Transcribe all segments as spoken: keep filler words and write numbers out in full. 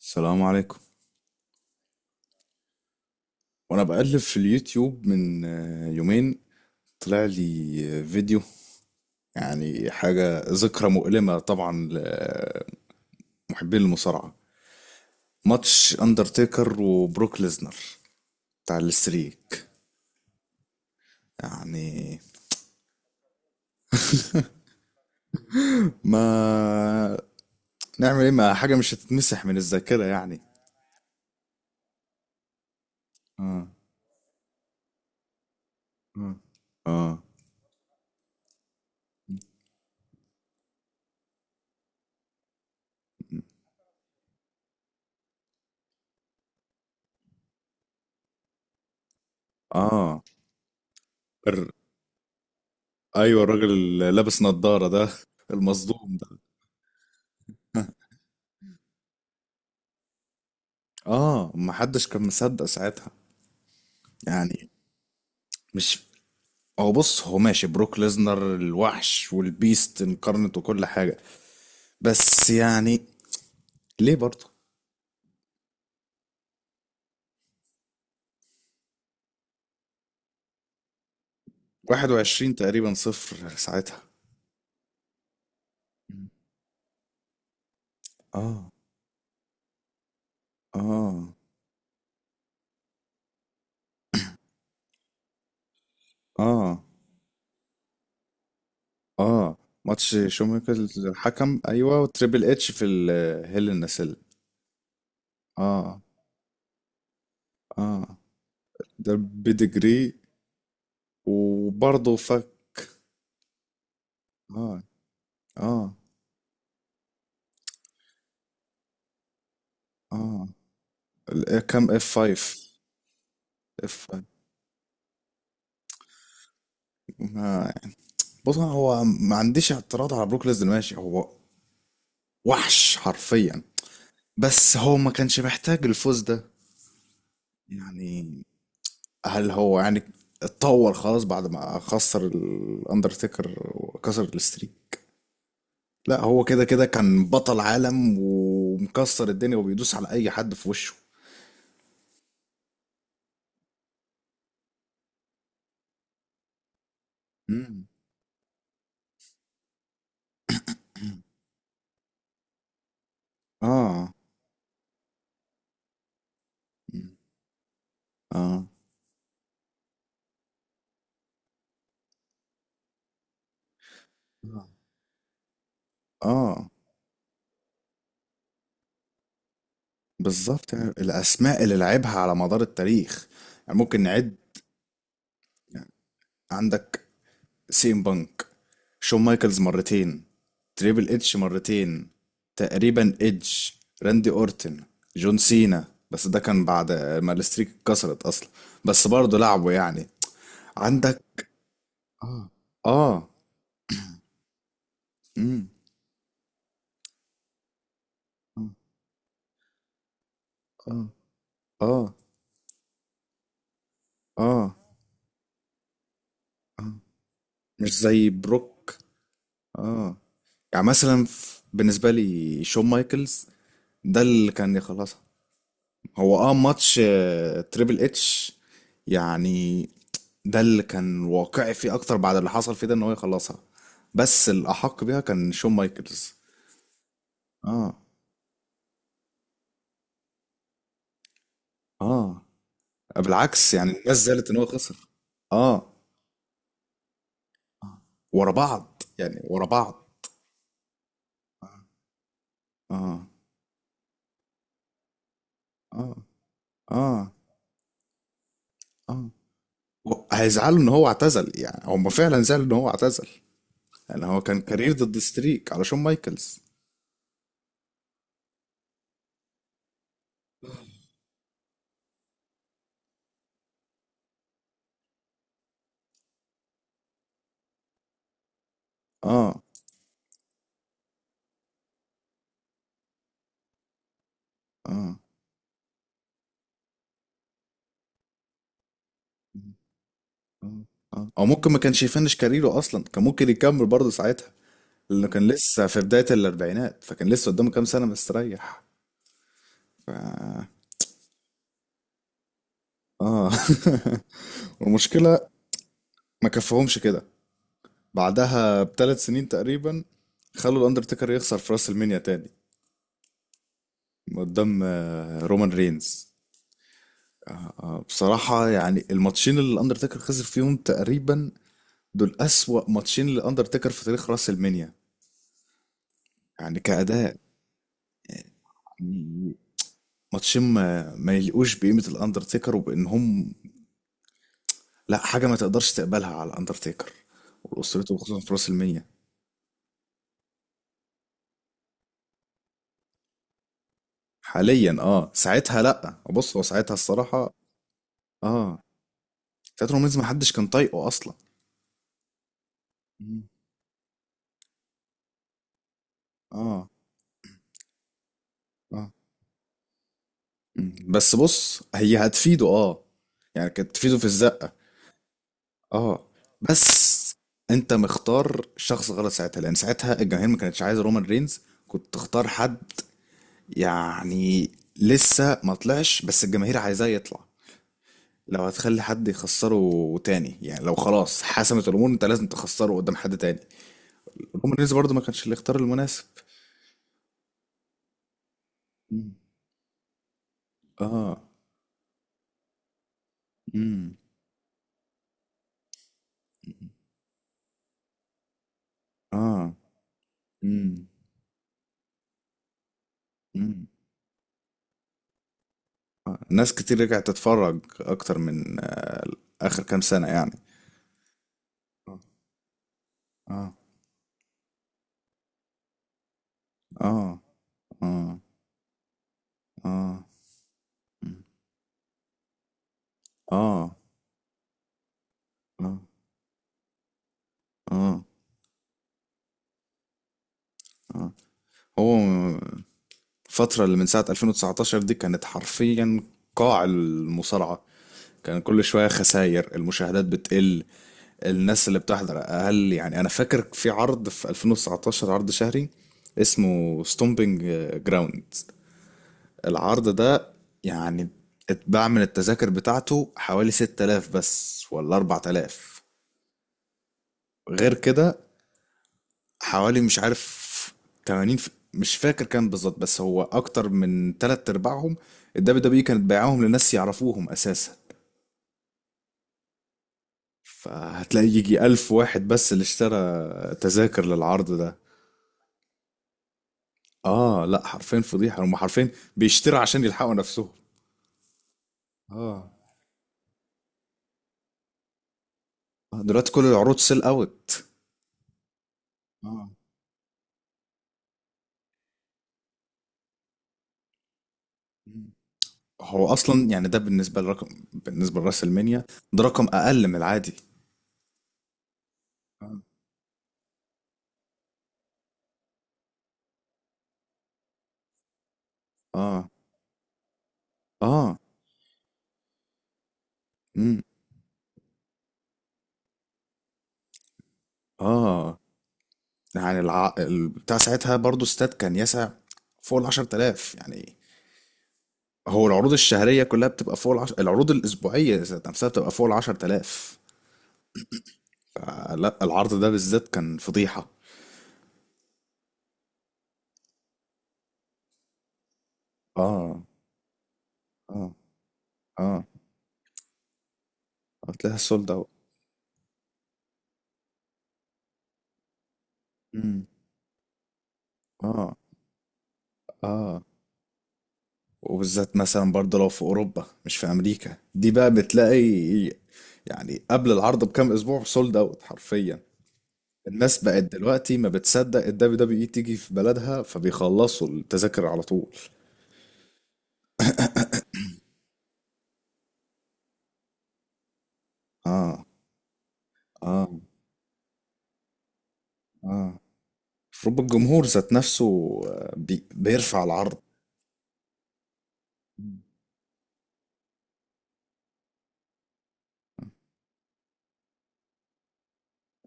السلام عليكم. وانا بقلب في اليوتيوب من آه، يومين، طلع لي آه، فيديو، يعني حاجة ذكرى مؤلمة طبعا لمحبين المصارعة. ماتش اندرتيكر وبروك ليزنر بتاع الاستريك يعني. ما نعمل ايه؟ ما حاجة مش هتتمسح من الذاكرة يعني. اه اه اه اه. الر- ايوه، الراجل اللي لابس نظارة ده، المصدوم ده. اه، ما حدش كان مصدق ساعتها يعني. مش، هو بص، هو ماشي بروك ليزنر الوحش والبيست انكارنت وكل حاجة، بس يعني ليه برضه؟ واحد وعشرين تقريبا صفر ساعتها. اه اه اه اه. ماتش شوميكر الحكم، ايوه، وتريبل اتش في الهيل النسل. اه اه، ده بديجري. وبرضه فك. اه اه اه. ال- كام اف خمسة، اف خمسة. بص، هو ما عنديش اعتراض على بروك ليزنر، ماشي، هو وحش حرفيا، بس هو ما كانش محتاج الفوز ده يعني. هل هو يعني اتطور خلاص بعد ما خسر الاندرتيكر وكسر الستريك؟ لا، هو كده كده كان بطل عالم ومكسر الدنيا وبيدوس على اي حد في وشه. مم. اه. مم. اه اه، بالظبط، يعني الاسماء اللي لعبها على مدار التاريخ. يعني ممكن نعد يعني. عندك سيم بانك، شون مايكلز مرتين، تريبل اتش مرتين، تقريبا ايدج، راندي اورتن، جون سينا، بس ده كان بعد ما الستريك اتكسرت اصلا، بس برضه لعبه يعني. عندك. اه اه. امم. اه اه اه. مش زي بروك. اه، يعني مثلا ف- بالنسبة لي شون مايكلز ده اللي كان يخلصها. هو اه ماتش آه، تريبل اتش يعني، ده اللي كان واقعي فيه اكتر بعد اللي حصل فيه ده، ان هو يخلصها، بس الاحق بيها كان شون مايكلز. اه اه. بالعكس، يعني الناس زعلت ان هو خسر. اه، ورا بعض يعني، ورا بعض. اه اه اه اه. و- هيزعلوا ان هو اعتزل يعني، هم فعلا زعلوا ان هو اعتزل. يعني هو كان كارير ضد ستريك على شون مايكلز. اه اه. آه، آه. او ممكن ما كانش يفنش كاريره اصلا، كان ممكن يكمل برضه ساعتها، لانه كان لسه في بداية الاربعينات، فكان لسه قدامه كام سنة مستريح. اه. والمشكلة ما كفهمش كده، بعدها بتلات سنين تقريبا خلوا الاندرتيكر يخسر في راس المنيا تاني قدام آه، رومان رينز. آه، بصراحة، يعني الماتشين اللي الاندرتيكر خسر فيهم تقريبا دول اسوأ ماتشين للاندرتيكر في تاريخ راس المنيا، يعني كأداء. يعني ماتشين ما, ما يلقوش بقيمة الأندرتيكر، وبإن هم لا حاجة ما تقدرش تقبلها على الأندرتيكر وأسرته، خصوصا في راس المية. حاليا اه، ساعتها لا، بص هو ساعتها الصراحة اه، ساعتها رومانز ما حدش كان طايقه أصلا. مم. اه اه. مم. بس بص، هي هتفيده اه، يعني كانت تفيده في الزقة. اه، بس انت مختار شخص غلط ساعتها، لان ساعتها الجماهير ما كانتش عايزة رومان رينز. كنت تختار حد يعني لسه ما طلعش، بس الجماهير عايزاه يطلع. لو هتخلي حد يخسره تاني، يعني لو خلاص حسمت الامور انت لازم تخسره قدام حد تاني، رومان برضه ما كانش الاختيار المناسب. مم. اه. امم. اه. امم. امم. آه. ناس كتير رجعت تتفرج اكتر من آه اخر كام سنة يعني. اه اه اه اه اه اه اه اه. هو الفترة اللي من ساعة الفين وتسعتاشر دي كانت حرفيا قاع المصارعة، كان كل شوية خسائر، المشاهدات بتقل، الناس اللي بتحضر أقل. يعني أنا فاكر في عرض في الفين وتسعتاشر عرض شهري اسمه ستومبينج جراوند، العرض ده يعني اتباع من التذاكر بتاعته حوالي ستة آلاف بس ولا اربعة آلاف. غير كده حوالي مش عارف تمانين، ف- مش فاكر كام بالظبط، بس هو اكتر من تلات ارباعهم الدبليو دبليو كانت بيعاهم لناس يعرفوهم اساسا، فهتلاقي يجي الف واحد بس اللي اشترى تذاكر للعرض ده. اه لا، حرفين فضيحة، هم حرفين بيشتروا عشان يلحقوا نفسهم. اه، دلوقتي كل العروض سيل اوت. اه، هو اصلا يعني ده بالنسبة لرقم، بالنسبة لراس المنيا ده رقم اقل من العادي. اه اه. امم. اه، يعني الع... ال- بتاع ساعتها برضو استاد كان يسع فوق ال عشر تلاف يعني. هو العروض الشهرية كلها بتبقى فوق العش... العروض الأسبوعية ذات نفسها بتبقى فوق ال عشرة آلاف. آه، لا، العرض ده بالذات كان فضيحة. اه اه اه. هتلاقيها سولد اوت. امم. اه اه. وبالذات مثلا برضه لو في أوروبا مش في أمريكا، دي بقى بتلاقي يعني قبل العرض بكام أسبوع سولد اوت حرفيا. الناس بقت دلوقتي ما بتصدق ال دبليو دبليو اي تيجي في بلدها، فبيخلصوا التذاكر على طول. اه اه اه. المفروض الجمهور ذات نفسه آه، بي بيرفع العرض.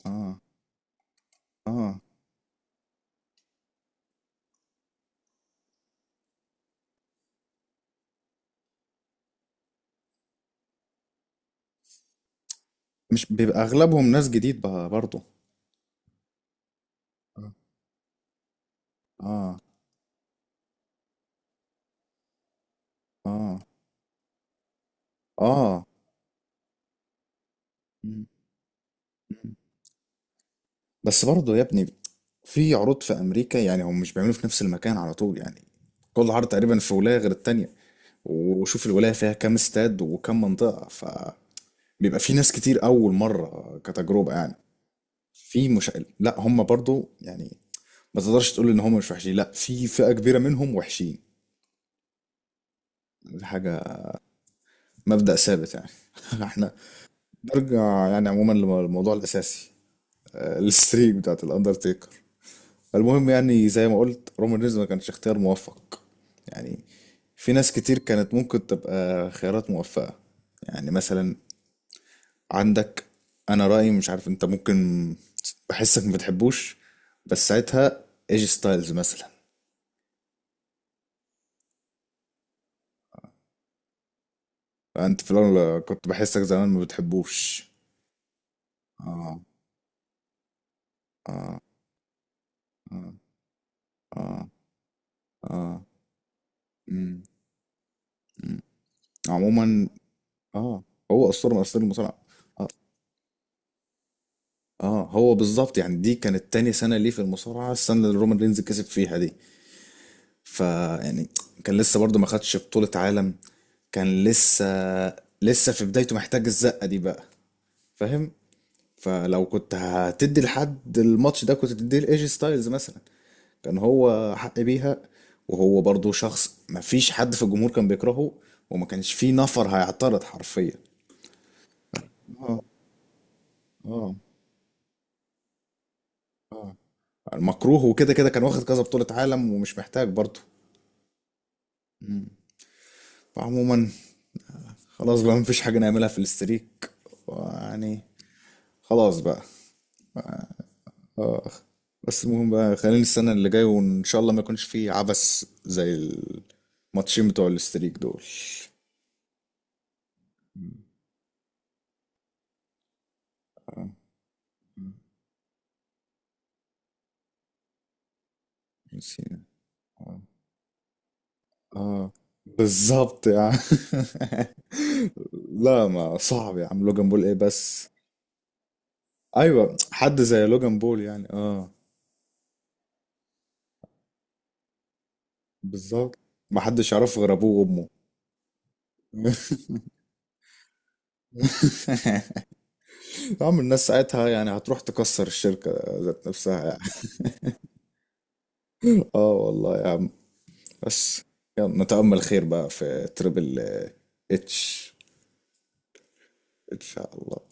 اه اه. مش بيبقى اغلبهم ناس جديد بقى برضه؟ اه اه اه. آه. مم، مم. بس برضه يا ابني، في عروض في امريكا يعني هم مش بيعملوا في نفس المكان على طول، يعني كل عرض تقريبا في ولاية غير التانية، وشوف الولاية فيها كام استاد وكم منطقة، ف بيبقى في ناس كتير اول مره كتجربه يعني. في مش لا، هم برضو يعني ما تقدرش تقول ان هم مش وحشين، لا في فئه كبيره منهم وحشين، دي حاجه مبدأ ثابت يعني. احنا نرجع يعني عموما للموضوع الاساسي، آه، الستريك بتاعت الاندرتيكر. المهم يعني زي ما قلت رومان رينز ما كانش اختيار موفق يعني. في ناس كتير كانت ممكن تبقى خيارات موفقه، يعني مثلا عندك، انا رأيي مش عارف انت، ممكن بحسك ما بتحبوش، بس ساعتها ايجي ستايلز مثلا. انت في الاول كنت بحسك زمان ما بتحبوش. اه اه اه اه اه. مم، مم. عموما اه، هو اسطوره من اساطير المصارعه. اه اه، هو بالظبط يعني دي كانت تاني سنه ليه في المصارعه، السنه اللي رومان رينز كسب فيها دي، فيعني كان لسه برضه ما خدش بطوله عالم، كان لسه لسه في بدايته محتاج الزقه دي بقى، فاهم؟ فلو كنت هتدي لحد الماتش ده كنت تديه لايجي ستايلز مثلا، كان هو حق بيها، وهو برضو شخص مفيش حد في الجمهور كان بيكرهه، وما كانش فيه نفر هيعترض حرفيا. اه اه اه. المكروه وكده كده كان واخد كذا بطولة عالم، ومش محتاج برضو. مم. فعموما خلاص بقى مفيش حاجة نعملها في الاستريك يعني. خلاص بقى. اه. بس المهم بقى، خلينا السنة اللي جاية وإن شاء الله ما يكونش فيه عبث زي الماتشين بتوع الاستريك دول. ميسي. اه. آه. بالظبط يا عم. لا، ما صعب يا عم، لوجان بول ايه بس؟ ايوه، حد زي لوجان بول يعني اه. بالظبط، ما حدش يعرفه غير ابوه وامه. يا عم الناس ساعتها يعني هتروح تكسر الشركة ذات نفسها يعني. اه والله يا، بس، يلا نتأمل خير بقى في تريبل اتش. ان شاء الله.